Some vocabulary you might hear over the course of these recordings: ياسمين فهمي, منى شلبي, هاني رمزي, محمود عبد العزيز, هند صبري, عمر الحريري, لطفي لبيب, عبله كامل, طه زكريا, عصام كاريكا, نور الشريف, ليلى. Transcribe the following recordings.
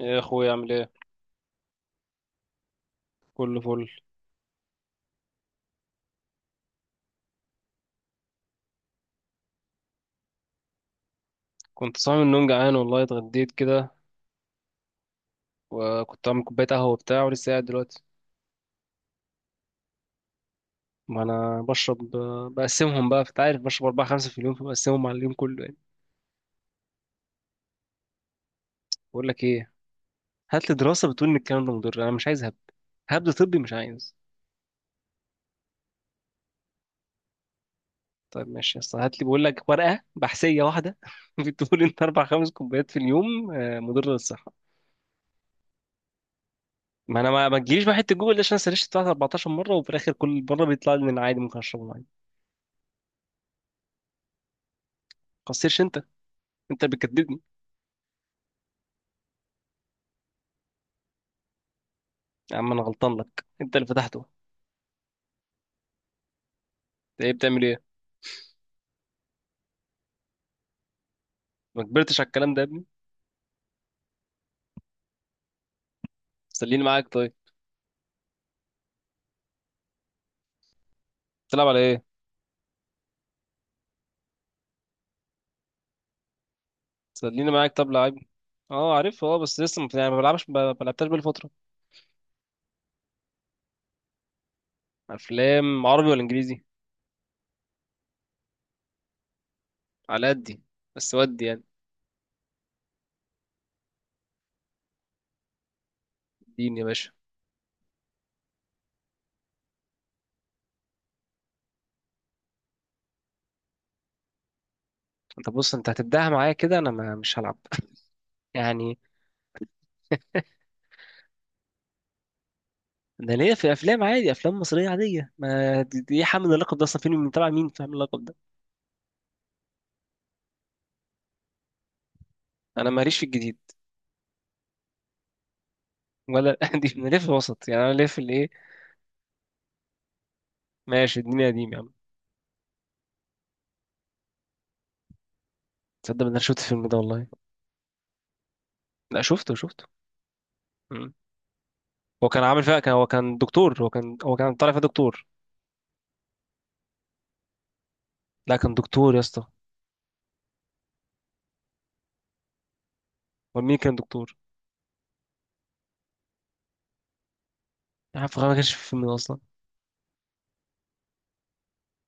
يا اخويا عامل ايه؟ كله فل. كنت صايم من النوم جعان والله، اتغديت كده وكنت عامل كوبايه قهوه وبتاع، ولسه قاعد دلوقتي. ما انا بشرب. بقسمهم بقى، انت عارف بشرب اربعه خمسه في اليوم فبقسمهم على اليوم كله يعني. بقول لك ايه، هات لي دراسه بتقول ان الكلام ده مضر، انا مش عايز هبد. هبد طبي مش عايز. طيب ماشي يا اسطى، هات لي بقول لك ورقه بحثيه واحده بتقول ان اربع خمس كوبايات في اليوم مضره للصحه. ما انا، ما تجيليش بقى حته جوجل دي، عشان أنا سرشت بتاعت 14 مره وفي الاخر كل مره بيطلع لي ان أنا عادي، ممكن اشربه عادي. ما تقصرش انت، انت اللي بتكدبني. يا عم انا غلطان لك، انت اللي فتحته. انت ايه بتعمل ايه؟ ما كبرتش على الكلام ده يا ابني. سليني معاك طيب. تلعب على ايه؟ سليني معاك طب لعيب. اه عارف اه، بس لسه، ما يعني ما بلعبش، ما لعبتهاش بقالي فتره. افلام عربي ولا انجليزي؟ على قدي. بس ودي يعني. اديني يا باشا. انت بص، انت هتبداها معايا كده، انا ما مش هلعب. يعني. انا ليا في افلام عادي، افلام مصريه عاديه، ما دي ايه، حامل اللقب ده اصلا فيلم من تبع مين؟ فاهم اللقب ده. انا ماليش في الجديد. ولا دي، انا ليا في الوسط يعني، انا ليا في الايه. ماشي، الدنيا قديم يا عم. تصدق ان انا شفت الفيلم ده والله. لا شفته شفته. مم. هو كان عامل فيها، كان، هو كان دكتور، هو كان طالع فيها دكتور. لا كان دكتور يا اسطى. هو مين كان دكتور؟ انا عارف ما كانش في الفيلم ده اصلا.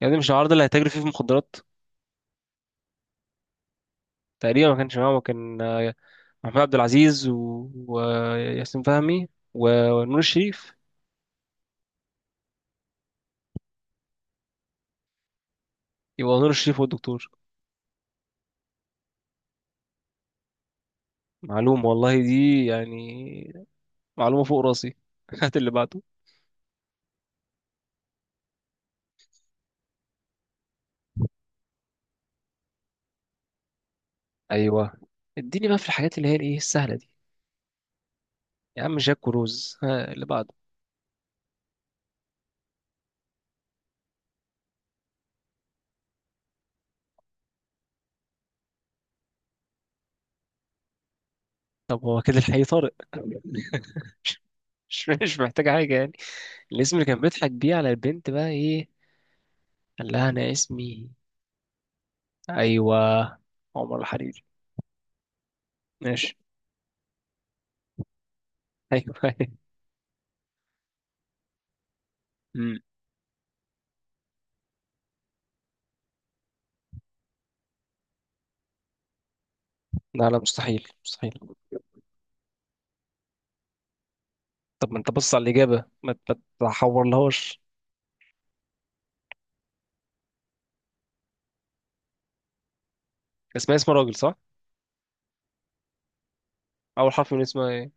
يعني مش العرض اللي هيتاجر فيه في المخدرات. تقريبا ما كانش معاهم، كان، محمود عبد العزيز وياسمين فهمي. ونور الشريف. يبقى نور الشريف هو الدكتور. معلومة والله دي يعني. معلومة فوق راسي. هات اللي بعده. ايوه. اديني بقى في الحاجات اللي هي الايه، السهلة دي. يا عم جاك وروز، ها اللي بعده. طب هو كده الحقيقي طارق. مش محتاجة حاجة يعني. الاسم اللي كان بيضحك بيه على البنت بقى ايه؟ قال لها انا اسمي. ايوه، عمر الحريري. ماشي. ايوه. أمم. لا لا، مستحيل مستحيل. طب ما انت بص على الاجابه، ما ما تحورلهاش. اسمها اسم راجل صح؟ اول حرف من اسمها ايه؟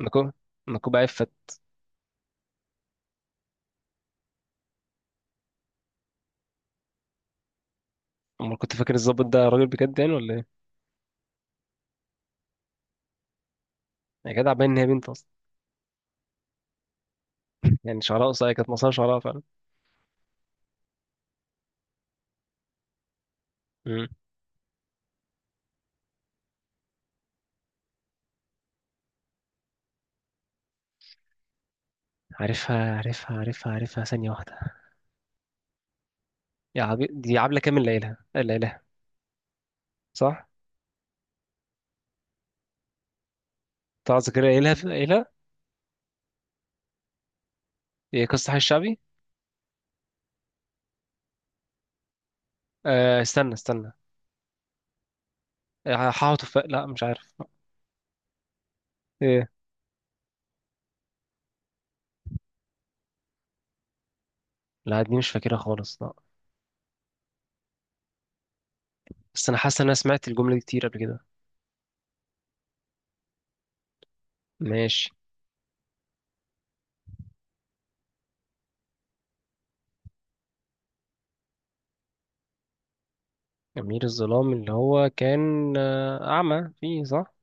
نكو نكوب عفت. امال كنت فاكر الظابط ده راجل بجد يعني ولا ايه؟ يا جدع، باين ان هي بنت اصلا. يعني شعرها قصير، كانت مصارها شعرها فعلا. أمم. عارفها عارفها عارفها عارفها، ثانيه واحده. دي عبله كامل، ليلها ليلى. صح. طه زكريا، ايه لها ايه لها. ايه، قصة حي الشعبي؟ آه استنى استنى. لا مش عارف. ايه. لا دي مش فاكرها خالص لا. بس انا حاسس ان انا سمعت الجملة دي كتير قبل كده. ماشي. أمير الظلام، اللي هو كان أعمى فيه صح؟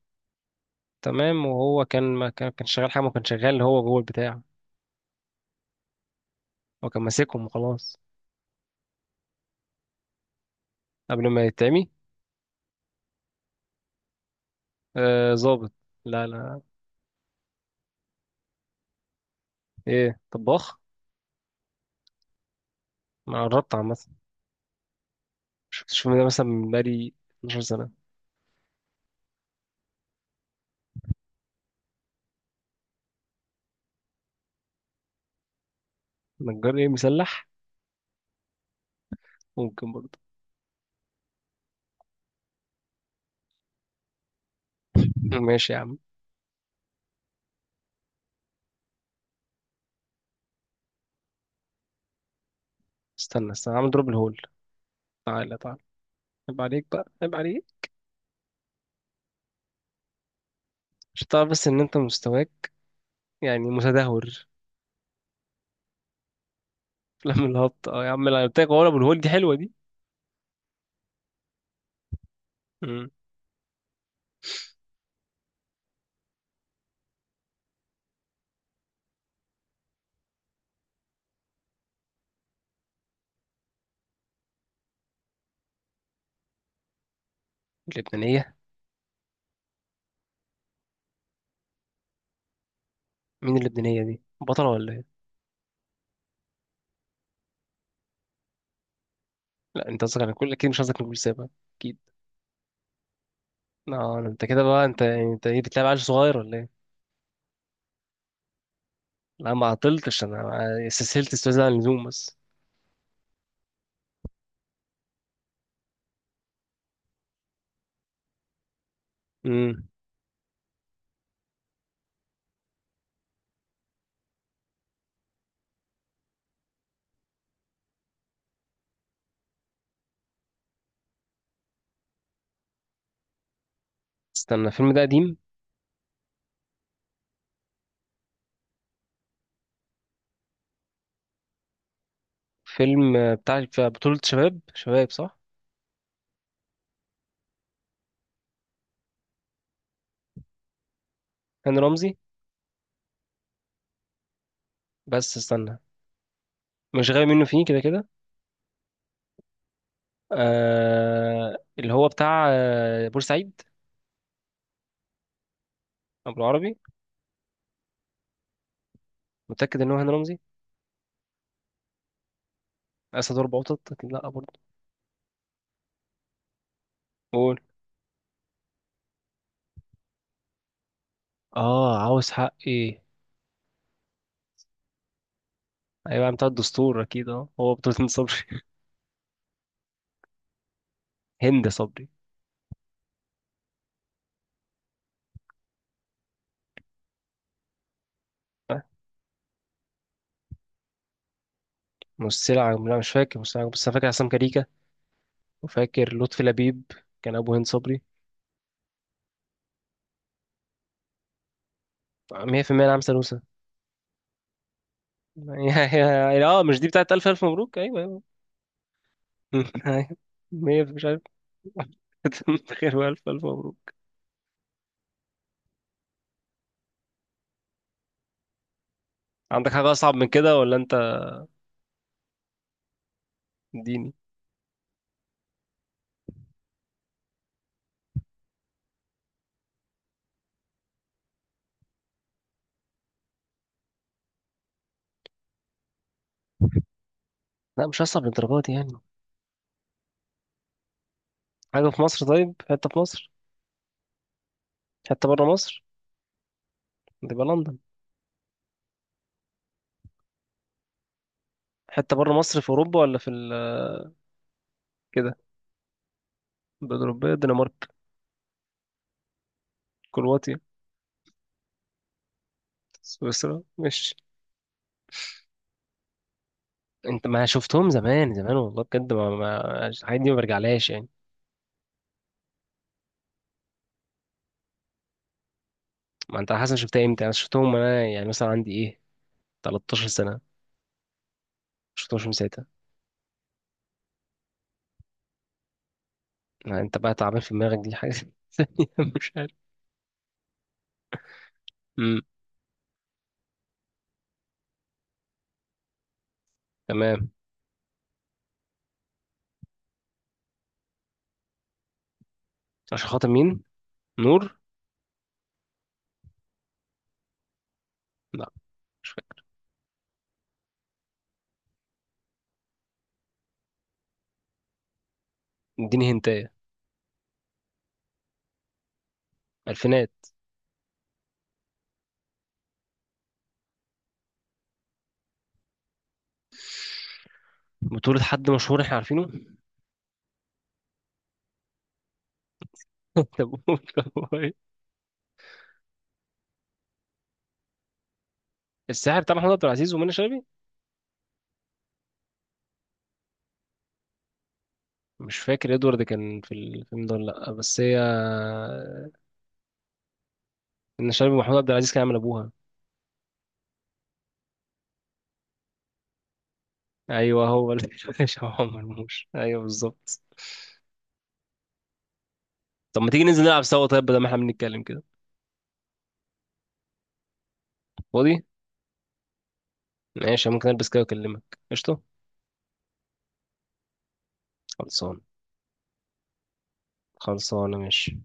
تمام، وهو كان، ما كان شغال حاجة، ما كان شغال اللي هو جوه البتاع. هو كان ماسكهم وخلاص. قبل ما يتعمي. آه ظابط. لا لا. ايه طباخ. ما قربت عامة. شفتش الفيلم ده مثلا من بقالي 12 سنة. نجار ايه مسلح؟ ممكن برضه. ماشي يا عم. استنى استنى، عم دروب الهول. تعالى تعالى. عيب عليك بقى، عيب عليك. مش تعرف، بس ان انت مستواك يعني متدهور. في لم الهبط اه يا عم، انا قلت لك. هو ابو الهول دي حلوه دي. امم اللبنانيه. مين اللبنانيه دي، بطله ولا ايه؟ لا انت قصدك على كل، اكيد مش قصدك على كل سابا. اكيد. اه انت كده بقى، انت يعني، انت ايه، بتلعب عيل صغير ولا ايه؟ لا ما عطلتش انا. استسهلت استاذ عن اللزوم بس. امم استنى، الفيلم ده قديم. فيلم بتاع بطوله شباب، شباب صح؟ هاني رمزي. بس استنى. مش غايب منه فيه كده كده. آه اللي هو بتاع بورسعيد. أبو العربي. متأكد إن هو هاني رمزي. أسد وأربع قطط أكيد، لأ برضه. قول. آه، عاوز حق إيه؟ أيوة بتاع الدستور أكيد، هو بطولة هند صبري. هند صبري. آه، لا مش فاكر، بس أنا فاكر عصام كاريكا. وفاكر لطفي لبيب. كان أبو هند صبري. 100% نعم سلوسة. اه، مش دي بتاعت ألف ألف مبروك؟ أيوة أيوة. أيوة. مش عارف. خير وألف ألف مبروك. عندك حاجة أصعب من كده ولا أنت؟ اديني. لا مش هصعب للدرجه دي يعني. حاجة في مصر، طيب. حتة في مصر؟ حتة بره مصر. تبقى لندن. حتة بره مصر في أوروبا ولا كده. البلاد الأوروبية، الدنمارك. كرواتيا. سويسرا مش. انت ما شفتهم زمان زمان والله بجد، ما, ما... الحاجات دي ما برجعلهاش يعني. ما انت حسن شفتها امتى، انا شفتهم وانا يعني مثلا عندي ايه، 13 سنة. شفتهمش من ساعتها. ما انت بقى تعبان في دماغك، دي حاجة. ثانية. مش عارف. امم تمام. عشان خاطر مين؟ نور. لا. مش فاكر. اديني هنتايه. الفينات. بطولة حد مشهور احنا عارفينه. طب هو ايه؟ الساحر بتاع محمود عبد العزيز ومنى شلبي. مش فاكر ادوارد كان في الفيلم ده ولا لا، بس هي. منى شلبي ومحمود عبد العزيز كان عامل ابوها. ايوه هو اللي. هو مرموش، ايوه بالظبط. طب ما تيجي ننزل نلعب سوا طيب، بدل ما احنا بنتكلم كده. فاضي. ماشي، ممكن البس كده واكلمك. قشطه. خلصان. خلصانه ماشي.